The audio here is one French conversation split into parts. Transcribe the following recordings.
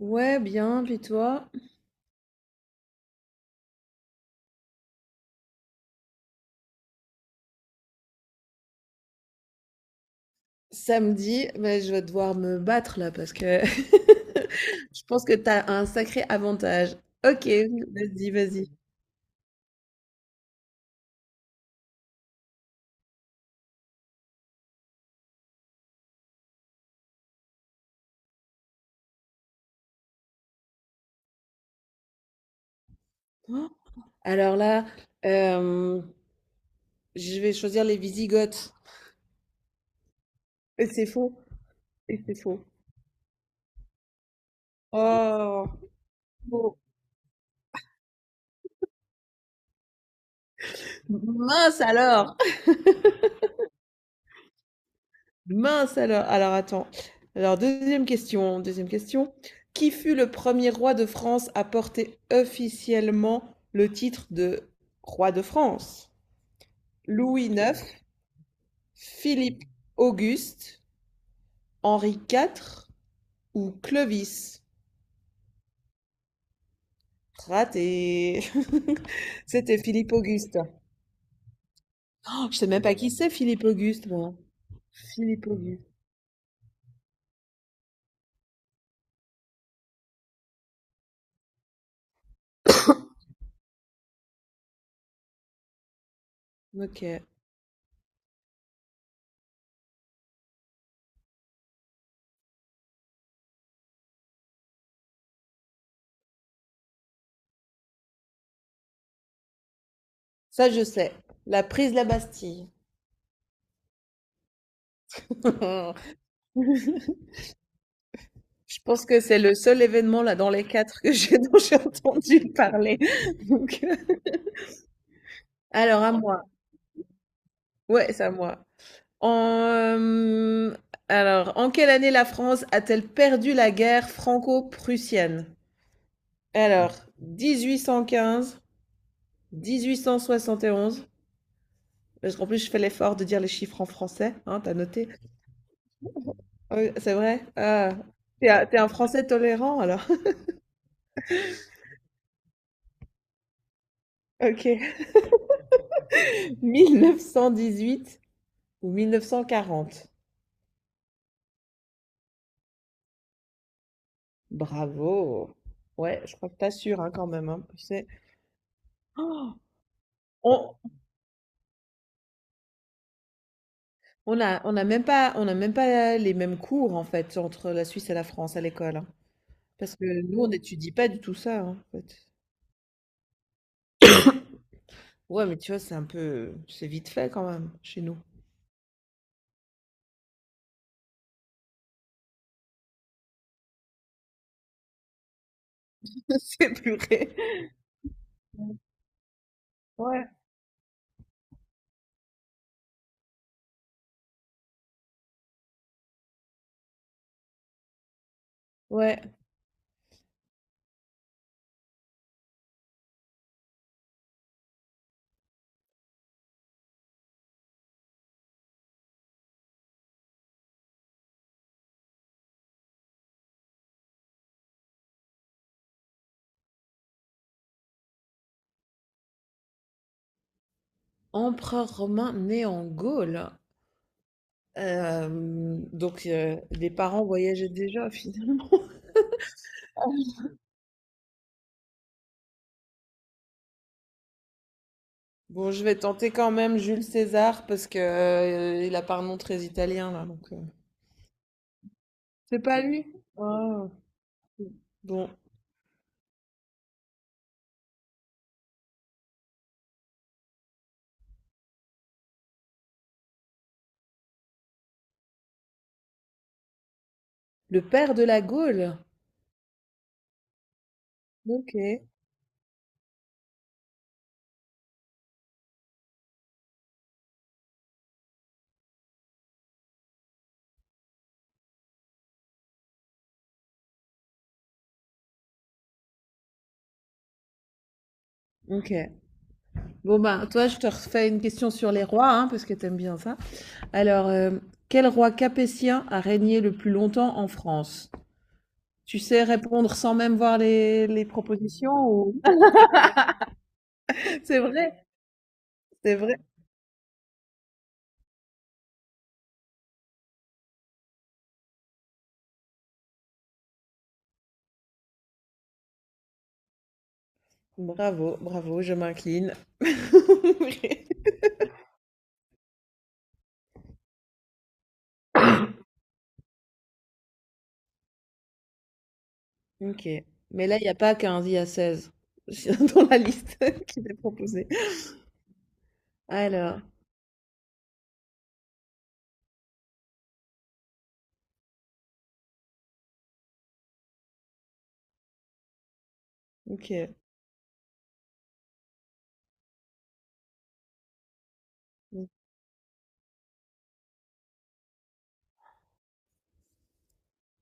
Ouais, bien, puis toi? Samedi, mais je vais devoir me battre là parce que je pense que t'as un sacré avantage. Ok, vas-y, vas-y. Oh, alors là, euh, je vais choisir les Visigoths. Et c'est faux. Et c'est faux. Oh, faux. Mince alors. Mince alors. Alors attends. Alors deuxième question. Deuxième question. Qui fut le premier roi de France à porter officiellement le titre de roi de France? Louis neuf, Philippe-Auguste, Henri quatre ou Clovis? Raté. C'était Philippe-Auguste. Oh, je sais même pas qui c'est Philippe-Auguste, moi. Philippe-Auguste. Ok. Ça, je sais. La prise de la Bastille. Je pense que c'est le seul événement là dans les quatre que j'ai dont j'ai entendu parler. Donc, alors à moi. Ouais, c'est à moi. En, euh, En quelle année la France a-t-elle perdu la guerre franco-prussienne? Alors, 1815, 1871. Parce qu'en plus, je fais l'effort de dire les chiffres en français, hein, t'as noté? Oui, c'est vrai? Ah, t'es un Français tolérant, alors. Ok. 1918 ou 1940? Bravo. Ouais, je crois que t'assures, hein, quand même, hein. Tu sais. Oh, on, on a, on n'a même pas les mêmes cours en fait entre la Suisse et la France à l'école, hein. Parce que nous, on n'étudie pas du tout ça, hein, en fait. Ouais, mais tu vois, c'est un peu, c'est vite fait quand même chez nous. C'est purée. Ouais. Ouais. Empereur romain né en Gaule. Donc les parents voyageaient déjà finalement. Bon, je vais tenter quand même Jules César parce que il a pas un nom très italien là, donc. C'est pas lui. Ah. Bon, le père de la Gaule. OK. OK. Bon ben, toi, je te refais une question sur les rois, hein, parce que t'aimes bien ça. Alors, quel roi capétien a régné le plus longtemps en France? Tu sais répondre sans même voir les propositions ou... C'est vrai, c'est vrai. Bravo, bravo, je m'incline. OK. Mais là, il n'y a pas 15, il y a 16 dans la liste qui est proposée. Alors, OK.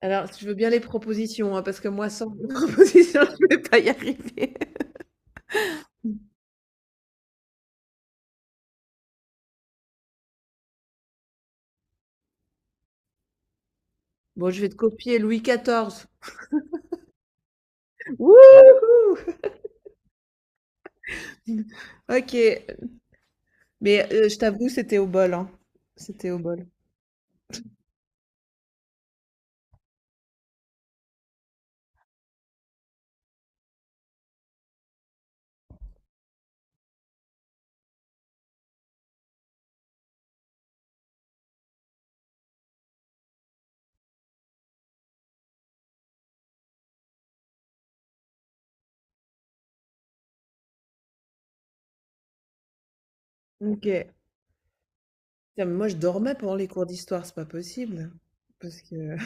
Alors, je veux bien les propositions, hein, parce que moi, sans les propositions, je ne vais pas y arriver. Bon, je vais te copier Louis XIV. Ouais. Wouhou! OK. Mais je t'avoue, c'était au bol, hein. C'était au bol. OK. Putain, mais moi, je dormais pendant les cours d'histoire, c'est pas possible. Parce que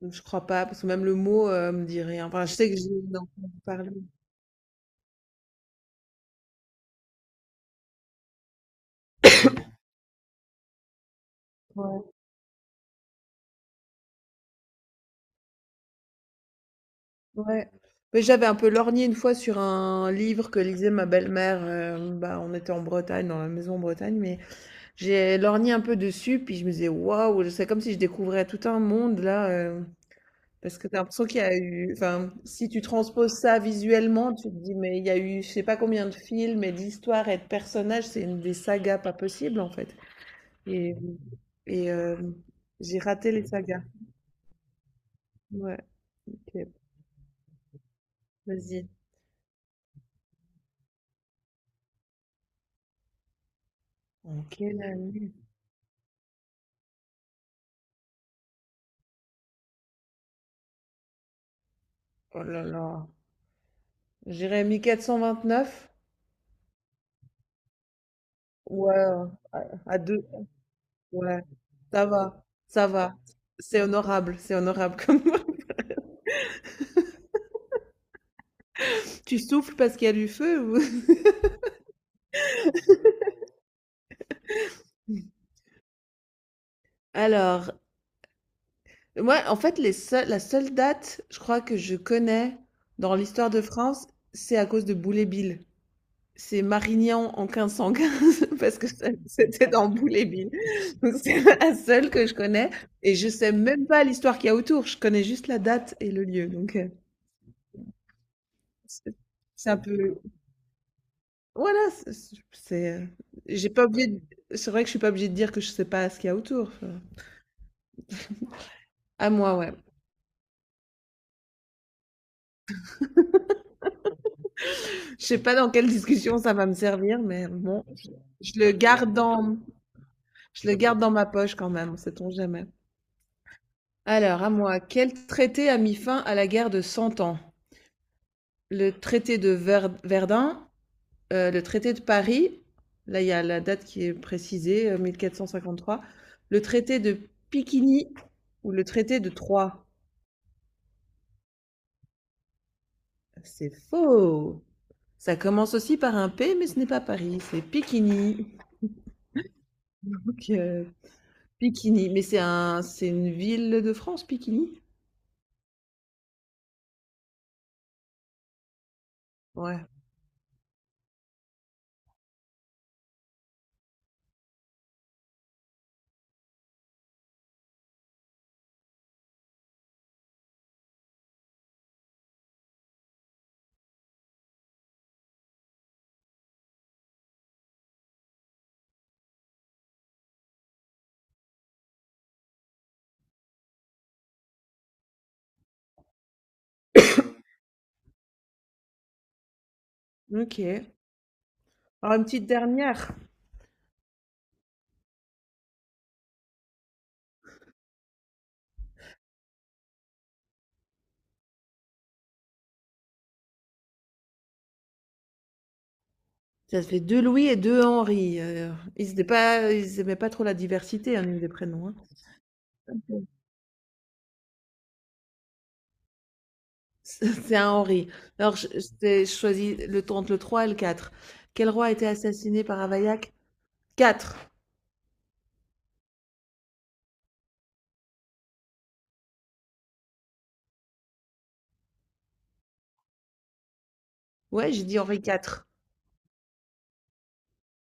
je crois pas, parce que même le mot me dit rien. Enfin, je sais que j'ai entendu parler. Ouais. Ouais. Mais j'avais un peu lorgné une fois sur un livre que lisait ma belle-mère. Bah, on était en Bretagne, dans la maison en Bretagne, mais j'ai lorgné un peu dessus, puis je me disais, waouh, c'est comme si je découvrais tout un monde là. Parce que t'as l'impression qu'il y a eu, enfin, si tu transposes ça visuellement, tu te dis, mais il y a eu, je sais pas combien de films et d'histoires et de personnages, c'est une des sagas pas possible en fait. Et, et, j'ai raté les sagas. Ouais, ok, vas-y. En quelle année? Oh là là. J'irais neuf. Ouais, à deux. Ouais, ça va, ça va. C'est honorable comme. Tu souffles parce qu'il y a du feu ou... Alors, ouais, en fait, les seuls la seule date, je crois, que je connais dans l'histoire de France, c'est à cause de Boulet-Bill. C'est Marignan en 1515, parce que c'était dans Boulet-Bill. Donc, c'est la seule que je connais. Et je sais même pas l'histoire qu'il y a autour. Je connais juste la date et le lieu. Donc, c'est c'est un peu. Voilà, j'ai pas oublié. C'est vrai que je suis pas obligée de dire que je sais pas ce qu'il y a autour. Enfin, à moi, ouais. Je sais pas dans quelle discussion ça va me servir, mais bon, je le garde en, je le garde dans ma poche quand même, sait-on jamais. Alors, à moi, quel traité a mis fin à la guerre de Cent Ans? Le traité de Ver- Verdun, le traité de Paris, là il y a la date qui est précisée, 1453, le traité de Piquigny ou le traité de Troyes. C'est faux. Ça commence aussi par un P, mais ce n'est pas Paris, c'est Piquigny. Donc, Piquigny, mais c'est une ville de France, Piquigny? Ouais. Ok. Alors, une petite dernière. Ça fait 2 Louis et 2 Henri, ils aimaient pas trop la diversité, hein, au niveau des prénoms, hein. C'est un Henri. Alors je choisis le t entre le 3 et le quatre. Quel roi a été assassiné par Ravaillac? 4. Ouais, j'ai dit Henri 4.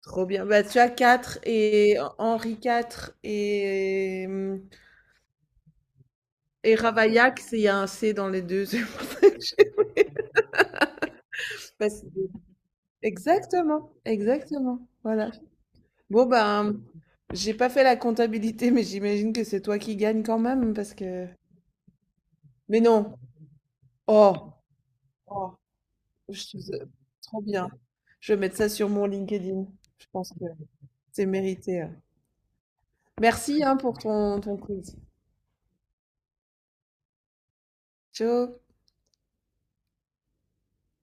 Trop bien. Bah, tu as 4 et Henri 4 et mmh et Ravaillac, c'est il y a un C dans les 2. C'est pour ça que j'ai facilité. Exactement, exactement, voilà. Bon, ben, j'ai pas fait la comptabilité, mais j'imagine que c'est toi qui gagne quand même, parce que... Mais non! Oh! Oh! Je suis trop bien. Je vais mettre ça sur mon LinkedIn. Je pense que c'est mérité. Merci, hein, pour ton quiz. Ciao!